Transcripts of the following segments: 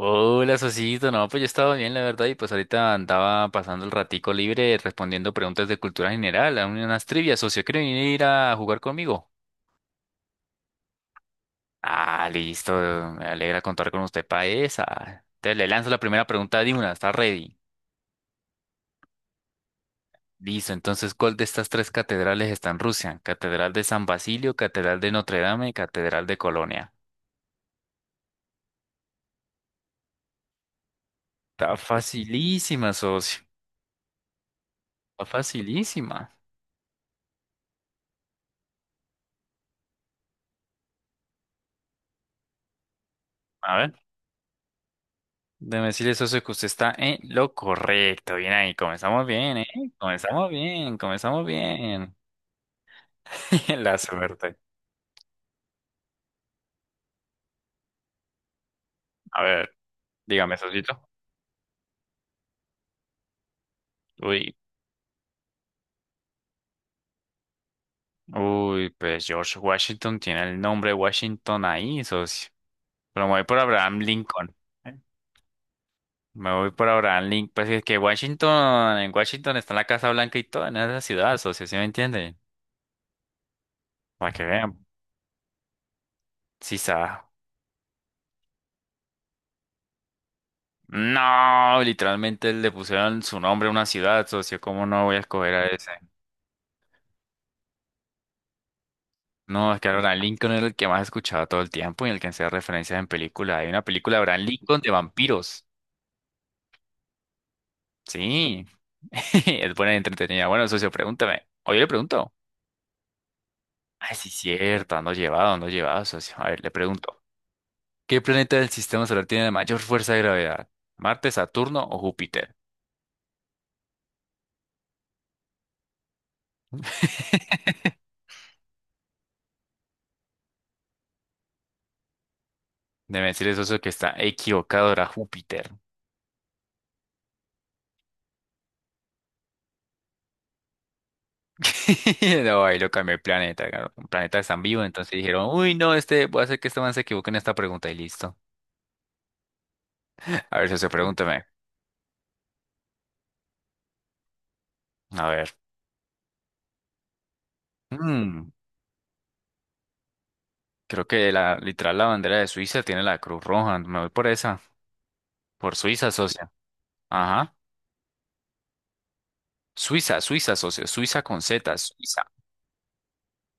Hola, Sosito. No, pues yo estaba bien, la verdad, y pues ahorita andaba pasando el ratico libre respondiendo preguntas de cultura general, a unas trivias, socio. ¿Quiere venir a jugar conmigo? Ah, listo. Me alegra contar con usted para esa. Te le lanzo la primera pregunta de una. ¿Está ready? Listo. Entonces, ¿cuál de estas tres catedrales está en Rusia? Catedral de San Basilio, Catedral de Notre Dame y Catedral de Colonia. Está facilísima, socio. Está facilísima. A ver. Déjame decirle, socio, que usted está en lo correcto. Bien ahí, comenzamos bien, ¿eh? Comenzamos bien, comenzamos bien. La suerte. A ver, dígame, socito. Uy, uy, pues George Washington tiene el nombre Washington ahí, socio. Pero me voy por Abraham Lincoln. ¿Eh? Me voy por Abraham Lincoln. Pues es que Washington, en Washington está la Casa Blanca y todo, en esa ciudad, socio, ¿sí me entiende? Para que vean. Sí, sabe. No, literalmente le pusieron su nombre a una ciudad, socio. ¿Cómo no voy a escoger a ese? No, es que Abraham Lincoln era el que más escuchaba todo el tiempo y el que hacía referencias en películas. Hay una película de Abraham Lincoln de vampiros. Sí, es buena y entretenida. Bueno, socio, pregúntame. Oye, le pregunto. Ay, sí, cierto, ando llevado, socio. A ver, le pregunto. ¿Qué planeta del sistema solar tiene la mayor fuerza de gravedad? ¿Marte, Saturno o Júpiter? Debe decirle, socio, que está equivocado, era Júpiter. No, ahí lo cambié el planeta. Claro. Un planeta tan vivo, entonces dijeron, uy, no, este, voy a hacer que este man se equivoque en esta pregunta y listo. A ver si se pregúntame. A ver. Mm, creo que la, literal la bandera de Suiza tiene la Cruz Roja. Me voy por esa. Por Suiza, socia. Ajá. Suiza, Suiza, socio. Suiza con Z, Suiza.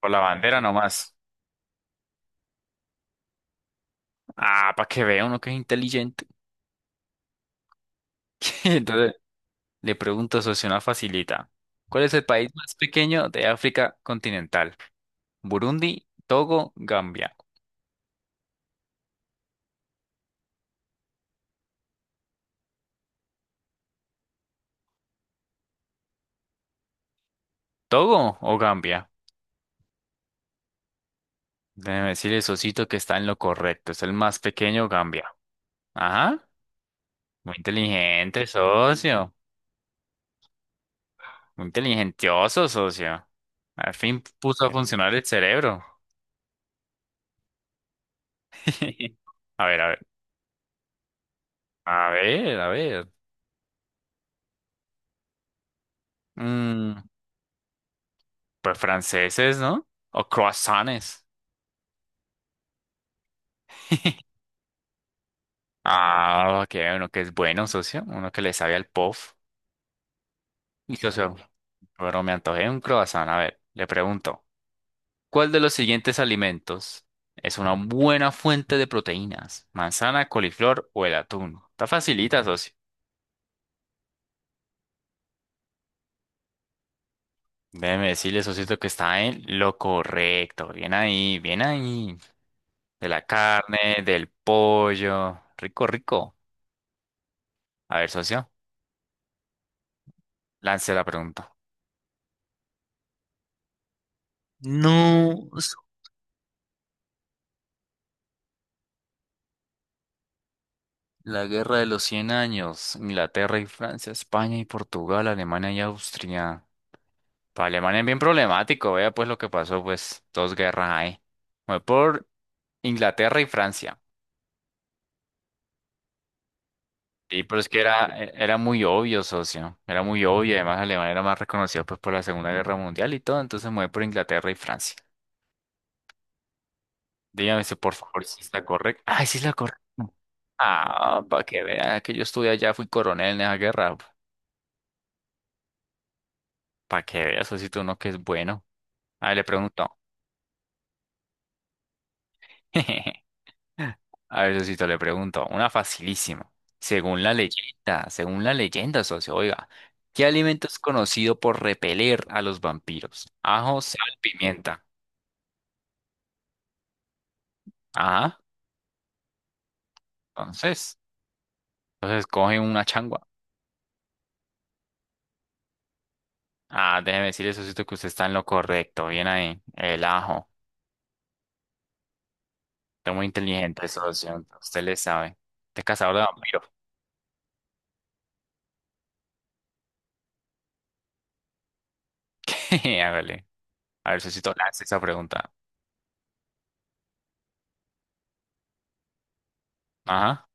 Por la bandera nomás. Ah, para que vea uno que es inteligente. Entonces, le pregunto, socio, una facilita. ¿Cuál es el país más pequeño de África continental? Burundi, Togo, Gambia. ¿Togo o Gambia? Déjeme decirle, socito, que está en lo correcto. Es el más pequeño, Gambia. Ajá. Muy inteligente, socio. Muy inteligentioso, socio. Al fin puso a funcionar el cerebro. A ver, a ver. A ver, a ver. Mm, pues franceses, ¿no? O croissants. Ah, que uno que es bueno, socio. Uno que le sabe al POF. Y socio, pero me antojé un croissant. A ver, le pregunto. ¿Cuál de los siguientes alimentos es una buena fuente de proteínas? ¿Manzana, coliflor o el atún? Está facilita, socio. Déjeme decirle, socito, que está en lo correcto. Bien ahí, bien ahí. De la carne, del pollo. Rico, rico. A ver, socio, lance la pregunta. No, la Guerra de los Cien Años, Inglaterra y Francia, España y Portugal, Alemania y Austria. Para Alemania es bien problemático, vea pues lo que pasó, pues dos guerras ahí. Fue por Inglaterra y Francia. Y pero es que era, era muy obvio, socio, era muy obvio, además Alemania era más reconocida pues por la Segunda Guerra Mundial y todo, entonces me voy por Inglaterra y Francia. Dígame si por favor si está correcto. Ay, sí es la correcta. Ah, para que vea que yo estuve allá, fui coronel en esa guerra. Para que veas, socio, si tú no que es bueno. A ver, le pregunto. A ver, Sosito, le pregunto. Una facilísima. Según la leyenda, socio, oiga, ¿qué alimento es conocido por repeler a los vampiros? Ajo, sal, pimienta. Ajá. Entonces, entonces coge una changua. Ah, déjeme decirle, Sosito, que usted está en lo correcto. Bien ahí. El ajo. Está muy inteligente, socio. Usted le sabe. Usted es cazador de vampiros. Hágale. A ver, Sosito, lance esa pregunta. Ajá.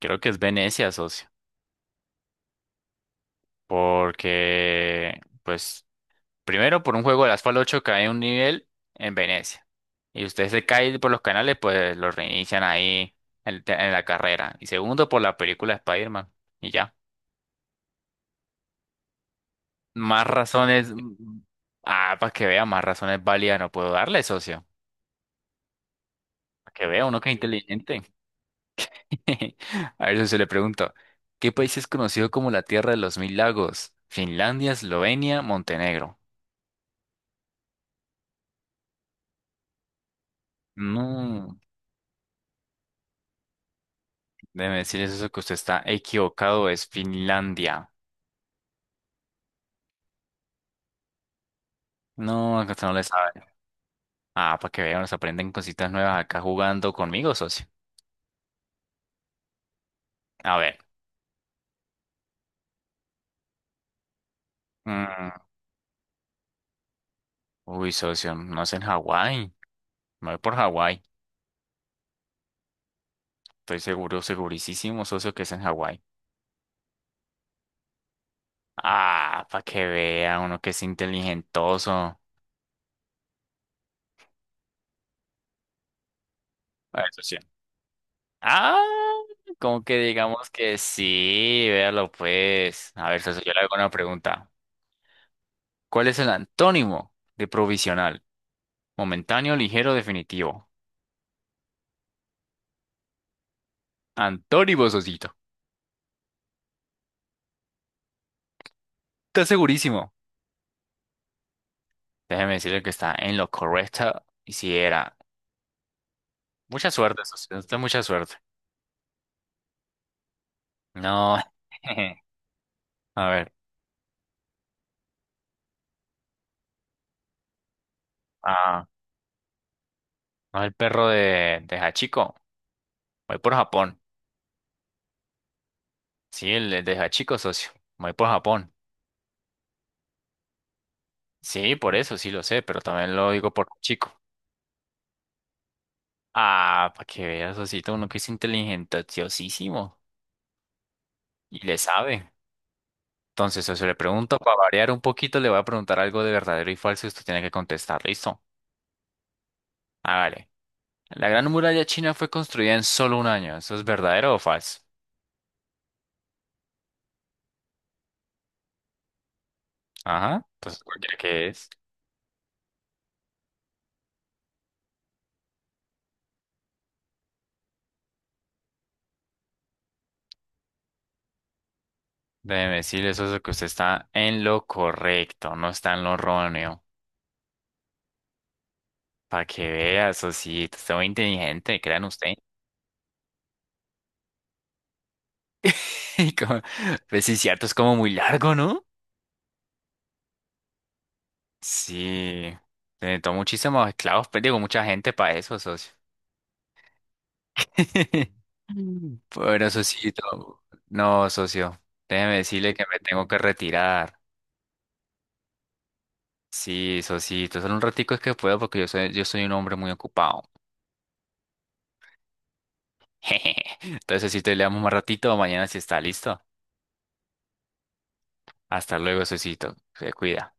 Creo que es Venecia, socio. Porque, pues, primero por un juego de Asphalt 8 cae un nivel en Venecia. Y usted se cae por los canales, pues lo reinician ahí en, en la carrera. Y segundo, por la película Spider-Man. Y ya. Más razones. Mm. Ah, para que vea, más razones válidas no puedo darle, socio. Para que vea, uno que es inteligente. A ver, se le pregunto. ¿Qué país es conocido como la Tierra de los Mil Lagos? Finlandia, Eslovenia, Montenegro. No. Déjeme decirles eso que usted está equivocado, es Finlandia. No, acá usted no le sabe. Ah, para que vean, nos aprenden cositas nuevas acá jugando conmigo, socio. A ver. Mm. Uy, socio, no es en Hawái. Me voy por Hawái. Estoy seguro, segurísimo, socio, que es en Hawái. Ah, para que vea uno que es inteligentoso. Eso sí. Ah, como que digamos que sí, véalo pues. A ver, socio, yo le hago una pregunta. ¿Cuál es el antónimo de provisional? Momentáneo, ligero, definitivo. Antonio Ososito. Está segurísimo. Déjeme decirle que está en lo correcto. Y si era. Mucha suerte, socio. Usted mucha suerte. No. A ver. Ah, no es el perro de Hachiko. Voy por Japón. Sí, el de Hachiko, socio. Voy por Japón. Sí, por eso, sí lo sé, pero también lo digo por Hachiko. Ah, para que veas, socito, uno que es inteligentísimo y le sabe. Entonces, eso le pregunto, para variar un poquito, le voy a preguntar algo de verdadero y falso y usted tiene que contestar. ¿Listo? Hágale. La Gran Muralla China fue construida en solo un año. ¿Eso es verdadero o falso? Ajá. Entonces, cualquiera que es. Déjeme decirle eso es lo que usted está en lo correcto, no está en lo erróneo. Para que vea, eso sí, está muy inteligente, crean usted. Y como- Pues sí, cierto, es como muy largo, ¿no? Sí. Se necesitó muchísimos esclavos, pero digo, mucha gente para eso, socio. Bueno, Socito, no, socio, déjeme decirle que me tengo que retirar. Sí, Socito, solo un ratico es que puedo porque yo soy un hombre muy ocupado. Entonces, Socito, le damos más ratito, mañana si está listo. Hasta luego, Socito, se cuida.